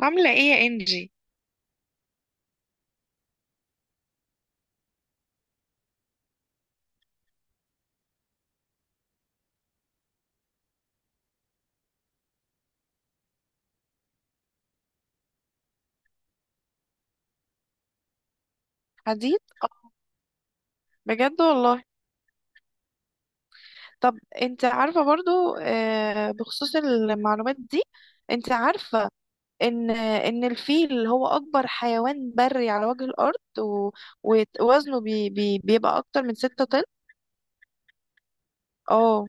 عاملة ايه يا انجي؟ حديد؟ بجد والله. طب انت عارفة برضو، بخصوص المعلومات دي، انت عارفة ان الفيل هو اكبر حيوان بري على وجه الارض، ووزنه بي بي بيبقى اكتر من ستة طن. اه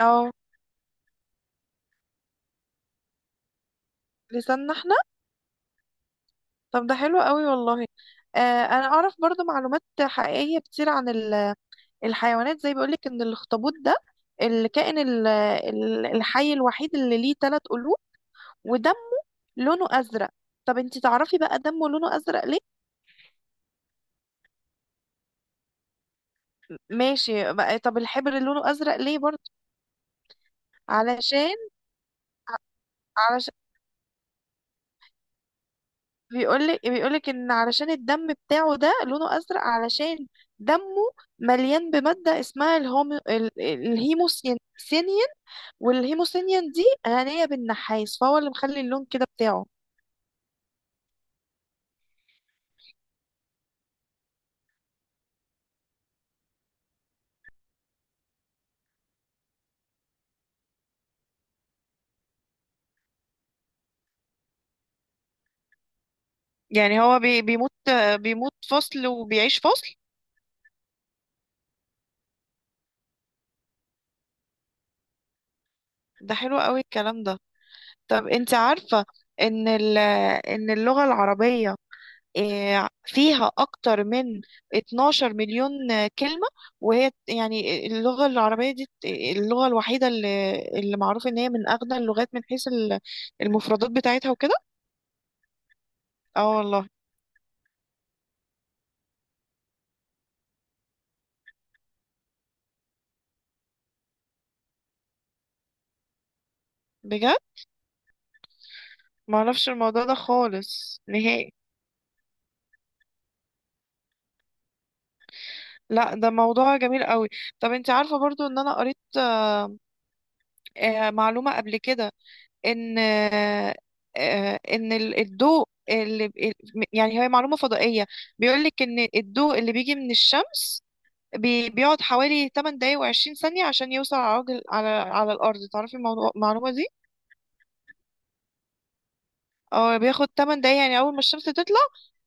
اه. لساننا احنا. طب ده حلو قوي والله. آه، انا اعرف برضو معلومات حقيقية كتير عن الحيوانات. زي بيقولك ان الاخطبوط ده الكائن الحي الوحيد اللي ليه ثلاث قلوب، ودمه لونه ازرق. طب انتي تعرفي بقى دمه لونه ازرق ليه؟ ماشي بقى، طب الحبر لونه ازرق ليه برضه؟ علشان، علشان بيقولك ان علشان الدم بتاعه ده لونه ازرق، علشان دمه مليان بمادة اسمها الهومو الهيموسيانين، والهيموسيانين دي غنية بالنحاس، فهو اللي مخلي اللون كده بتاعه. يعني هو بيموت، بيموت فصل وبيعيش فصل. ده حلو قوي الكلام ده. طب انت عارفة ان ان اللغة العربية، فيها اكتر من 12 مليون كلمة، وهي يعني اللغة العربية دي اللغة الوحيدة اللي معروف ان هي من اغنى اللغات من حيث المفردات بتاعتها وكده. اه والله. بجد. ما اعرفش الموضوع ده خالص نهائي. لا ده موضوع جميل قوي. طب انت عارفة برضو ان انا قريت معلومة قبل كده، ان ان الضوء اللي يعني هي معلومة فضائية، بيقولك ان الضوء اللي بيجي من الشمس بيقعد حوالي 8 دقايق و20 ثانية عشان يوصل على عجل على على الأرض. تعرفي الموضوع- المعلومة دي؟ اه، بياخد 8 دقايق. يعني أول ما الشمس تطلع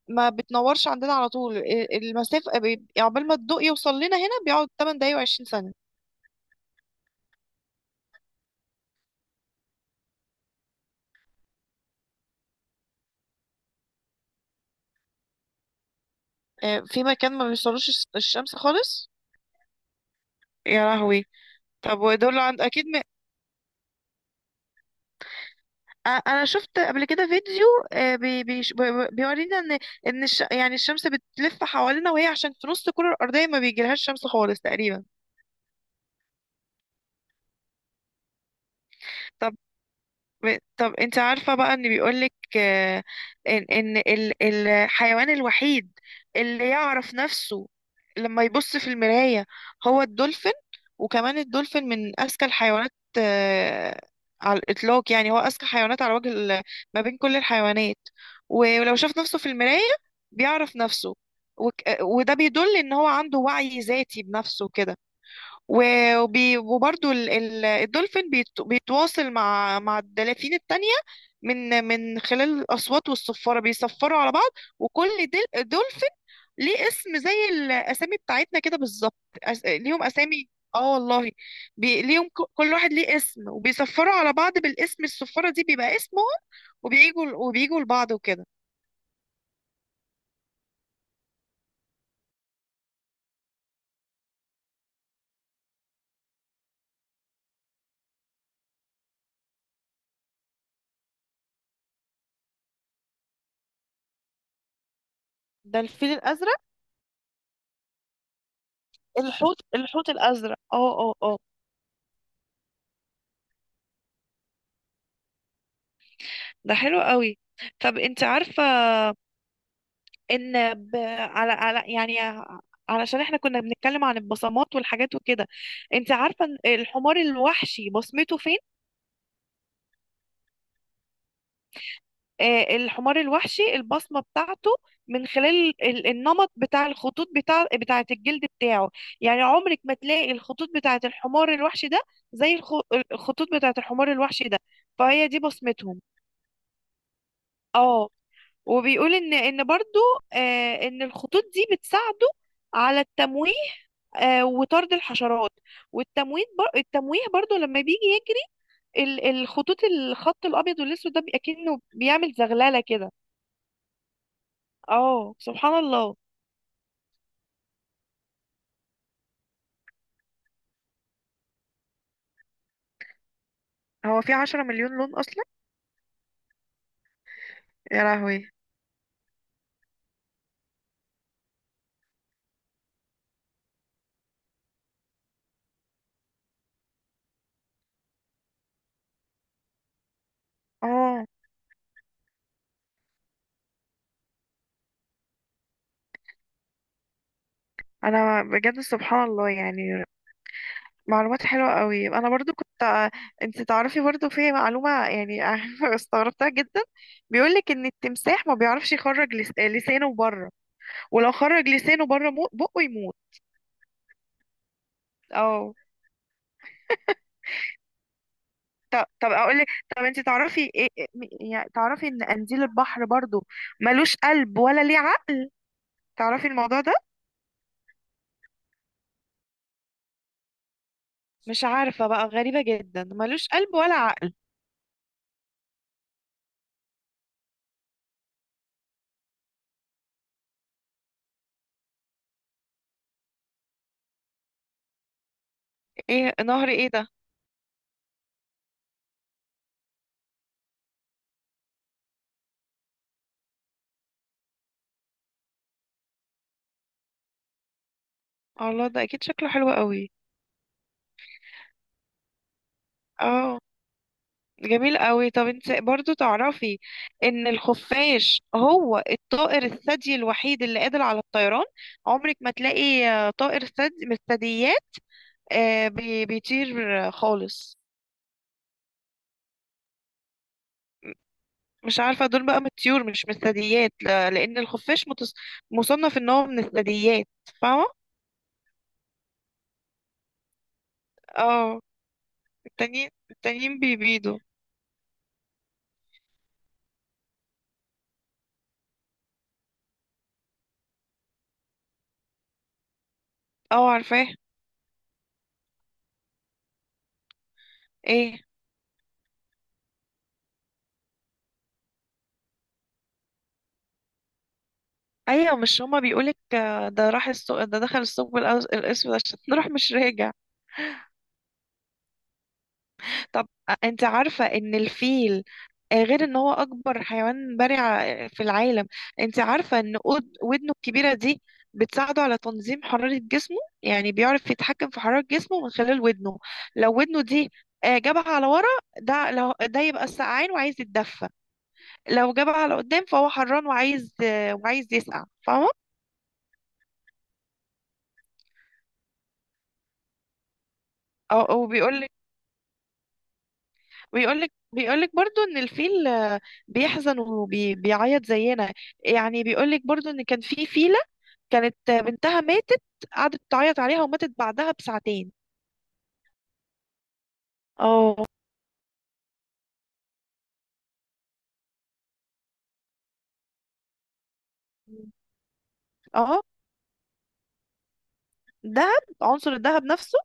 ما بتنورش عندنا على طول المسافة، عقبال ما الضوء يوصل لنا هنا بيقعد 8 دقايق و20 ثانية. في مكان ما بيوصلوش الشمس خالص. يا لهوي. طب ودول عند أكيد. انا شفت قبل كده فيديو، بيورينا ان يعني الشمس بتلف حوالينا، وهي عشان في نص الكره الارضيه ما بيجيلهاش شمس خالص تقريبا. طب، طب انت عارفة بقى ان بيقولك، ان الحيوان الوحيد اللي يعرف نفسه لما يبص في المراية هو الدولفين. وكمان الدولفين من اذكى الحيوانات آه، على الاطلاق. يعني هو اذكى حيوانات على وجه ما بين كل الحيوانات. ولو شاف نفسه في المراية بيعرف نفسه. وده بيدل ان هو عنده وعي ذاتي بنفسه كده. و- وبي وبرضو الدولفين بيتواصل مع مع الدلافين التانية من من خلال الأصوات والصفارة، بيصفروا على بعض. وكل دولفين ليه اسم زي الأسامي بتاعتنا كده بالظبط. ليهم أسامي. اه والله. ليهم، كل واحد ليه اسم، وبيصفروا على بعض بالاسم. الصفارة دي بيبقى اسمهم، وبيجوا لبعض وكده. ده الفيل الأزرق؟ الحوت الأزرق، اه اه اه. ده حلو قوي. طب انت عارفة ان ب... على على يعني علشان احنا كنا بنتكلم عن البصمات والحاجات وكده، انت عارفه إن الحمار الوحشي بصمته فين؟ آه، الحمار الوحشي البصمه بتاعته من خلال النمط بتاع الخطوط بتاعه، الجلد بتاعه. يعني عمرك ما تلاقي الخطوط بتاعه الحمار الوحشي ده زي الخطوط بتاعه الحمار الوحشي ده. فهي دي بصمتهم. اه. وبيقول ان برضو، آه، ان الخطوط دي بتساعده على التمويه، آه، وطرد الحشرات. والتمويه التمويه برضو لما بيجي يجري، الخطوط، الخط الابيض والاسود ده، بيبقى كأنه بيعمل زغلله كده. اه سبحان الله. هو في عشرة مليون لون أصلا؟ يا لهوي. اه. أنا بجد سبحان الله يعني، معلومات حلوة قوي. أنا برضو كنت، أنت تعرفي برضو في معلومة يعني استغربتها جدا. بيقولك إن التمساح ما بيعرفش يخرج لسانه بره، ولو خرج لسانه بره بقه يموت. اه. طب اقول لك. طب انت تعرفي يعني تعرفي ان قنديل البحر برضو ملوش قلب ولا ليه عقل؟ تعرفي الموضوع ده؟ مش عارفة بقى، غريبة جدا ملوش قلب ولا عقل. ايه نهر ايه ده؟ الله ده اكيد شكله حلو قوي. اه، جميل قوي. طب انت برضو تعرفي ان الخفاش هو الطائر الثدي الوحيد اللي قادر على الطيران. عمرك ما تلاقي، آه، طائر ثدي من الثدييات، بيطير، خالص. مش عارفة، دول بقى من الطيور مش من الثدييات، لأن الخفاش مصنف إن هو من الثدييات. فاهمة؟ اه. التانيين بيبيضوا. اه عارفاه. ايه؟ ايوه، مش هما بيقولك، آه، ده راح السوق، ده دخل الثقب الأسود، عشان راح مش راجع. طب، آه، انت عارفة إن الفيل، آه، غير ان هو اكبر حيوان برع في العالم، انت عارفة ان ودنه الكبيرة دي بتساعده على تنظيم حرارة جسمه؟ يعني بيعرف يتحكم في حرارة جسمه من خلال ودنه. لو ودنه دي، آه، جابها على ورا، ده لو ده يبقى سقعان وعايز يتدفى. لو جابها على قدام فهو حران وعايز، آه، وعايز يسقع. فاهمة؟ او وبيقول لك، بيقول لك برضه ان الفيل، آه، بيحزن وبيعيط زينا. يعني بيقول لك برضه ان كان في فيل كانت بنتها ماتت، قعدت تعيط عليها وماتت بعدها بساعتين. اه. اه. دهب، عنصر الدهب نفسه.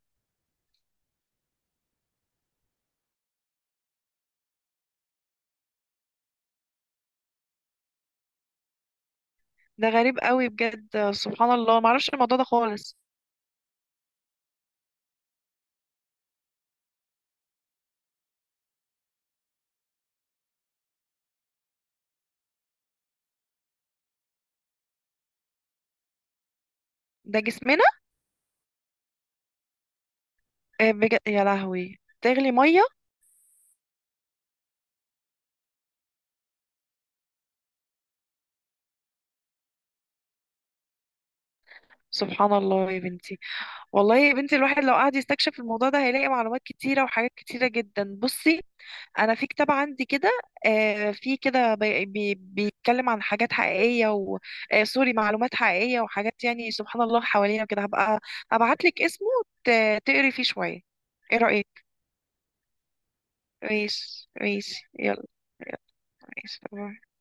ده غريب قوي بجد، سبحان الله. ما اعرفش الموضوع ده خالص. ده جسمنا؟ آه، بجد يا لهوي، تغلي ميه. سبحان الله يا بنتي. والله يا بنتي الواحد لو قعد يستكشف الموضوع ده هيلاقي معلومات كتيرة وحاجات كتيرة جدا. بصي، انا في كتاب عندي كده، آه، في كده بيتكلم عن حاجات حقيقيه و، آه، سوري، معلومات حقيقيه وحاجات يعني سبحان الله حوالينا كده. هبقى ابعت لك اسمه، تقري فيه شويه. ايه رايك؟ ماشي ماشي يلا. ماشي.